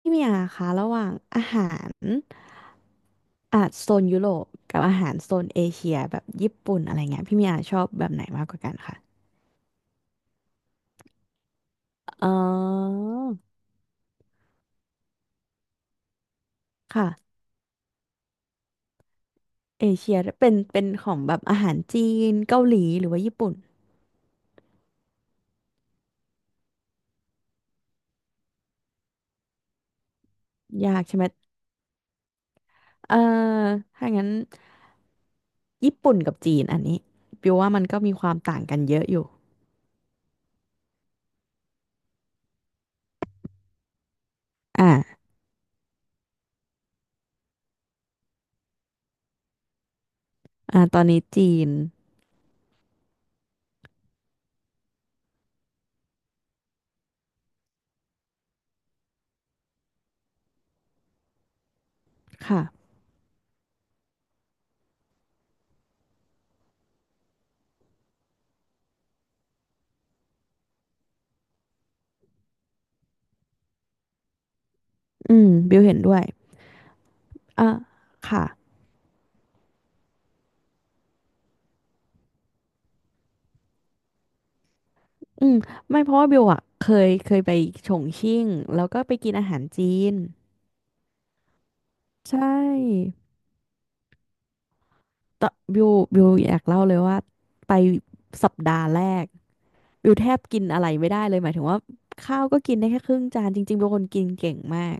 พี่เมียคะระหว่างอาหารโซนยุโรปกับอาหารโซนเอเชียแบบญี่ปุ่นอะไรเงี้ยพี่เมียชอบแบบไหนมากกว่ากันคะอ๋อค่ะเอเชียเป็นของแบบอาหารจีนเกาหลีหรือว่าญี่ปุ่นยากใช่ไหมเอ่อถ้างั้นญี่ปุ่นกับจีนอันนี้ปิวว่ามันก็มีความต่างกันเยอะอยู่อ่าอ่าตอนนี้จีนค่ะอืมบิวเห็นด้วยอ่าค่ะ อืมไม่เพราะว่าบิวอะเคยไปฉงชิ่งแล้วก็ไปกินอาหารจีนใช่ตอนบิวบิวอยากเล่าเลยว่าไปสัปดาห์แรกบิวแทบกินอะไรไม่ได้เลยหมายถึงว่าข้าวก็กินได้แค่ครึ่งจานจริงๆบิวเป็นคนกินเก่งมาก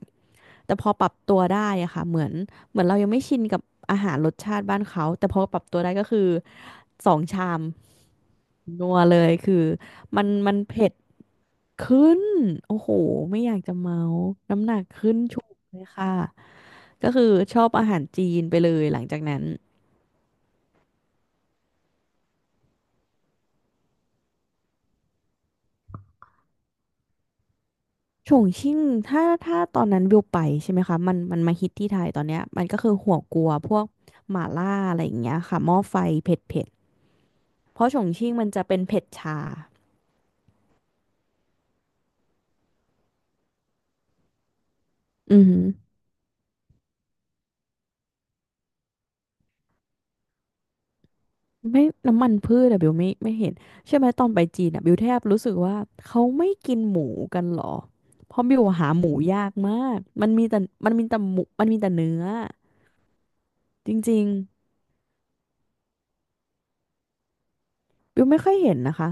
แต่พอปรับตัวได้อะค่ะเหมือนเหมือนเรายังไม่ชินกับอาหารรสชาติบ้านเขาแต่พอปรับตัวได้ก็คือสองชามนัวเลยคือมันเผ็ด ขึ้น โอ้โห ไม่อยากจะเมาส์น้ำหนักขึ้นฉุกเลยค่ะ ก็คือชอบอาหารจีนไปเลยหลังจากนั้นฉงชิ่งถ้าตอนนั้นวิวไปใช่ไหมคะ มันมาฮิตที่ไทยตอนเนี้ยมันก็คือหัวกัวพวกหม่าล่าอะไรอย่างเงี้ยค่ะหม้อไฟเผ็ดเผ็ดเพราะฉงชิ่งมันจะเป็นเผ็ดชาอือหือ ไม่น้ำมันพืชอะบิวไม่เห็นใช่อไหมตอนไปจีนอะบิวแทบรู้สึกว่าเขาไม่กินหมูกันหรอเพราะบิวหาหมูยากมากมันมีแต่มันมีแต่หมูมันมีแต่เนื้อจริงๆบิวไม่ค่อยเห็นนะคะ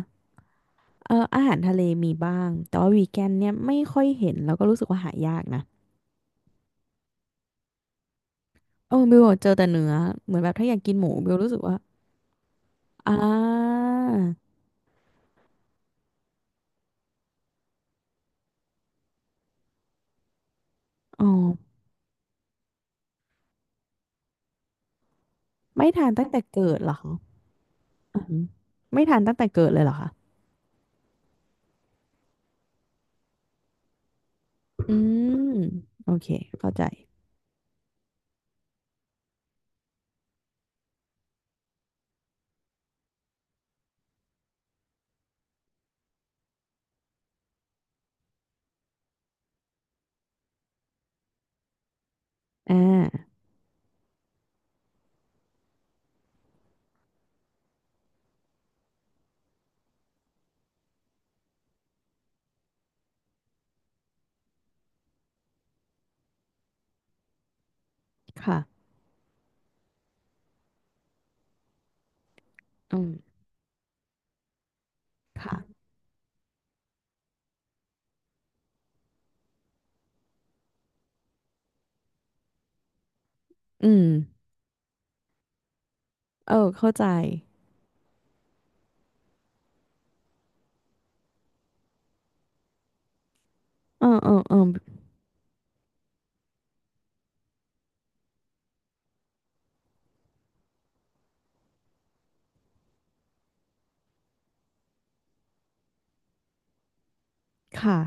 เอออาหารทะเลมีบ้างแต่ว่าวีแกนเนี่ยไม่ค่อยเห็นแล้วก็รู้สึกว่าหายากนะเออบิวเจอแต่เนื้อเหมือนแบบถ้าอยากกินหมูบิวรู้สึกว่าอ่าอ๋อไม่ทานตั้งแต่เกิดเหรอคะอือหือไม่ทานตั้งแต่เกิดเลยเหรอคะอืมโอเคเข้าใจ อ่าค่ะอืมค่ะ อืม เออเข้าใจเออเออเออค่ะ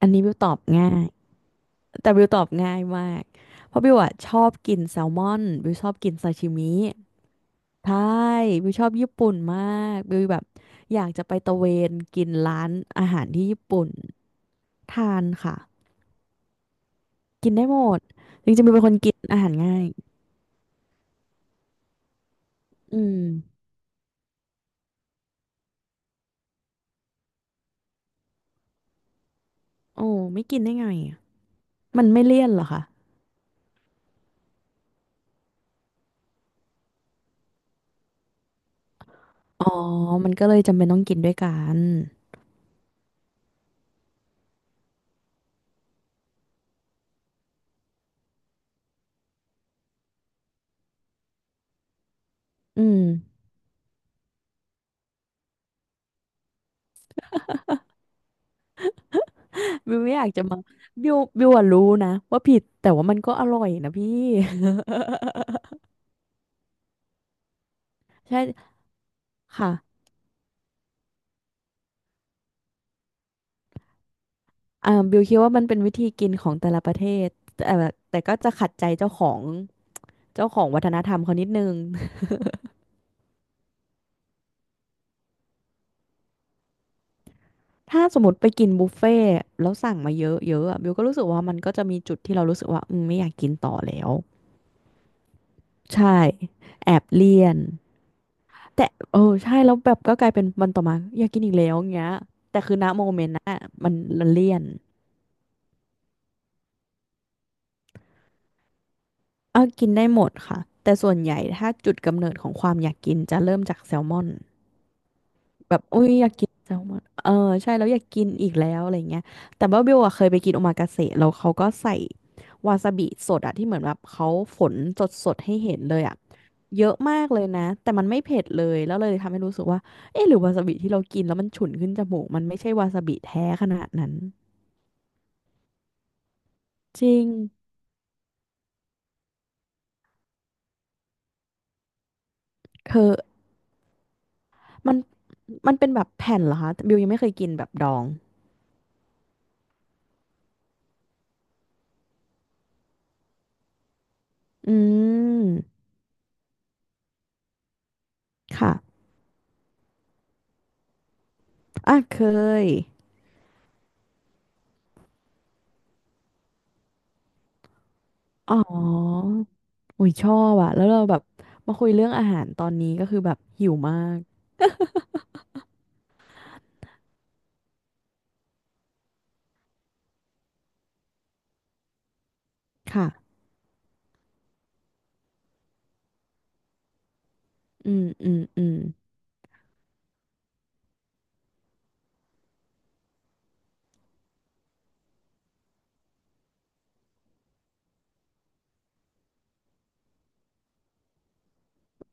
อันนี้บิวตอบง่ายแต่บิวตอบง่ายมากเพราะบิวอะชอบกินแซลมอนบิวชอบกินซาชิมิใช่บิวชอบญี่ปุ่นมากบิวแบบอยากจะไปตะเวนกินร้านอาหารที่ญี่ปุ่นทานค่ะ กินได้หมดจริงๆบิวเป็นคนกินอาหารง่ายอืมโอ้ไม่กินได้ไงอะมันไม่เลี่ยนเหรอคะอ๋อมันก็เลยจำเป็นต้องกินด้วยกัน อืมบิวไม่อยากจะมาบิวบิวอะรู้นะว่าผิดแต่ว่ามันก็อร่อยนะพี่ ใช่ค่ะอ่าบิวคิดว่ามันเป็นวิธีกินของแต่ละประเทศแต่แต่ก็จะขัดใจเจ้าของเจ้าของวัฒนธรรมเขานิดนึง ถ้าสมมติไปกินบุฟเฟ่ต์แล้วสั่งมาเยอะเยอะอะบิวก็รู้สึกว่ามันก็จะมีจุดที่เรารู้สึกว่าอืมไม่อยากกินต่อแล้วใช่แอบเลี่ยนแต่เออใช่แล้วแบบก็กลายเป็นวันต่อมาอยากกินอีกแล้วอย่างเงี้ยแต่คือณโมเมนต์นะมันมันเลี่ยน เออกินได้หมดค่ะแต่ส่วนใหญ่ถ้าจุดกำเนิดของความอยากกินจะเริ่มจากแซลมอนแบบอุ้ยอยากกินแซลมอนเออใช่แล้วอยากกินอีกแล้วอะไรเงี้ยแต่ว่าเบิวอะเคยไปกินโอมากาเสะแล้วเขาก็ใส่วาซาบิสดอะที่เหมือนแบบเขาฝนสดสดให้เห็นเลยอะเยอะมากเลยนะแต่มันไม่เผ็ดเลยแล้วเลยทำให้รู้สึกว่าเอ๊ะหรือวาซาบิที่เรากินแล้วมันฉุนขึ้นจมูกมันไม่ใช่วาซาบิแท้ขนาดนั้นจริงเธอมันมันเป็นแบบแผ่นเหรอคะแต่บิวยังไม่เคยกินแบบดองอืม ค่ะ อ่ะเคยอ๋ออุ้ยชอบอะแล้วเราแบบมาคุยเรื่องอาหารตอนนี้ก็คือแบบหิวมากค่ะอืมอืมอืม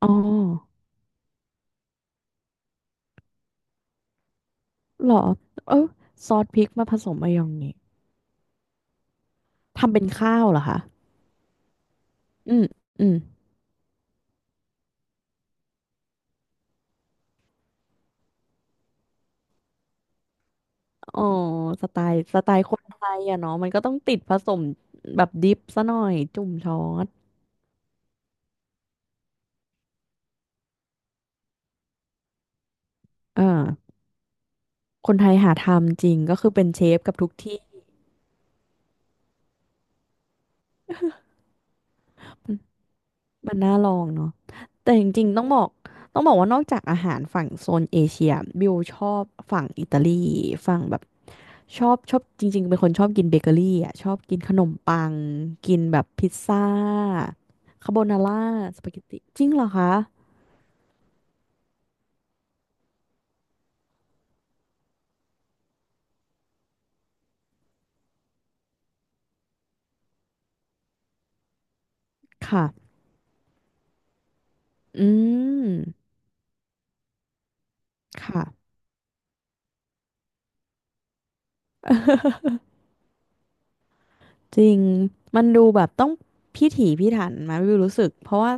อ๋อเหรอเออซอสพริกมาผสมมายองเนสทำเป็นข้าวเหรอคะ อืมอืมอ๋อสไตล์สไตล์คนไทยอะเนาะมันก็ต้องติดผสมแบบดิปซะหน่อยจุ่มช้อนอ่าคนไทยหาทำจริงก็คือเป็นเชฟกับทุกที่ มันน่าลองเนาะแต่จริงๆต้องบอกต้องบอกว่านอกจากอาหารฝั่งโซนเอเชียบิวชอบฝั่งอิตาลีฝั่งแบบชอบชอบจริงๆเป็นคนชอบกินเบเกอรี่อ่ะชอบกินขนมปังกินแบบพิซซ่าคาโบนาร่าสปาเกตตีจริงเหรอคะค่ะอืมค่ะจริงมันดูแบบต้องพิถีพิถันมาบิวรู้สึกเพราะว่า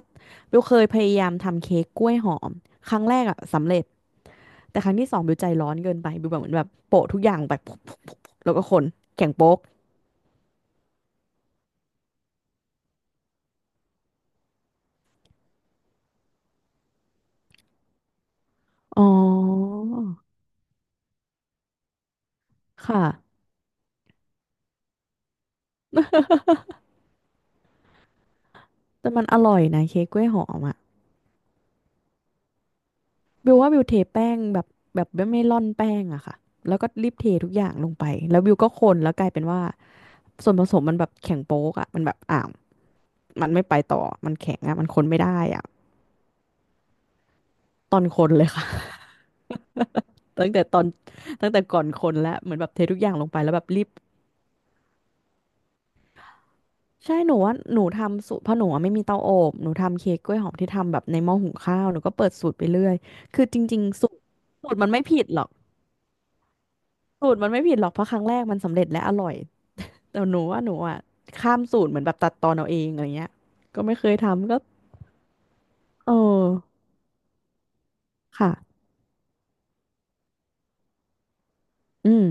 บิวเคยพยายามทำเค้กกล้วยหอมครั้งแรกอ่ะสำเร็จ แต่ครั้งที่สองบิวใจร้อนเกินไปบิวแบบเหมือนแบบโปะทุกอย่างแบบแล้วก็คนแข็งโป๊กอ๋อค่ะแต่มันอร่อยนะเค้กกล้วยหอมอ่ะบิวว่าบิวเทแป้งแบบแบบไม่ร่อนแป้งอะค่ะแล้วก็รีบเททุกอย่างลงไปแล้วบิวก็คนแล้วกลายเป็นว่าส่วนผสมมันแบบแข็งโป๊กอะมันแบบอ่าวมันไม่ไปต่อมันแข็งอะมันคนไม่ได้อะตอนคนเลยค่ะ ตั้งแต่ตอนตั้งแต่ก่อนคนแล้วเหมือนแบบเททุกอย่างลงไปแล้วแบบรีบ ใช่หนูว่าหนูทำสูตรเพราะหนูอะไม่มีเตาอบหนูทำเค้กกล้วยหอมที่ทำแบบในหม้อหุงข้าวหนูก็เปิดสูตรไปเรื่อยคือจริงๆสูตรสูตรมันไม่ผิดหรอกสูตรมันไม่ผิดหรอกเพราะครั้งแรกมันสำเร็จและอร่อยแต่หนูว่าหนูอ่ะข้ามสูตรเหมือนแบบตัดตอนเอาเองอะไรเงี้ยก็ไม่เคยทำก็เออค่ะอืม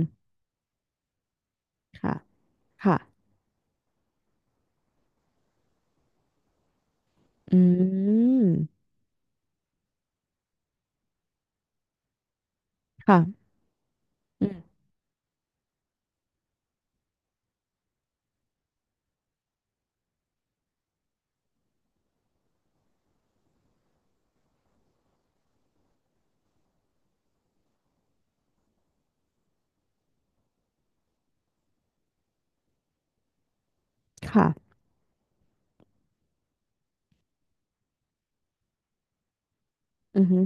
ค่ะค่ะอืมค่ะอืมค่ะอือฮึ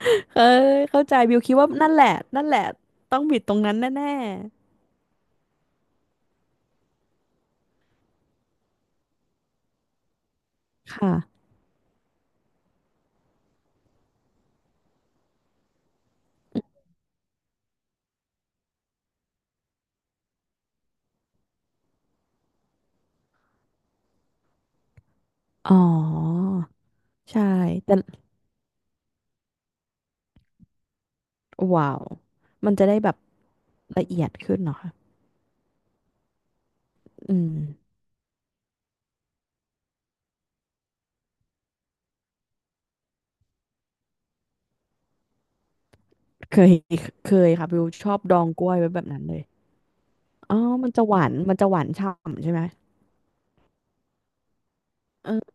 เคยเข้าใจบิวคิดว่านั่นแหละนั่นแหละต้องบิดตรงนั้นแน่ๆค่ะ อ๋อใช่แต่ว้าวมันจะได้แบบละเอียดขึ้นเหรอคะอืมเคย เคยค่ะบิวชอบดองกล้วยไว้แบบนั้นเลยอ๋อมันจะหวานมันจะหวานฉ่ำใช่ไหมเออ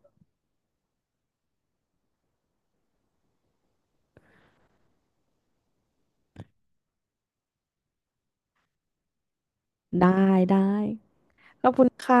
ได้ได้ขอบคุณค่ะ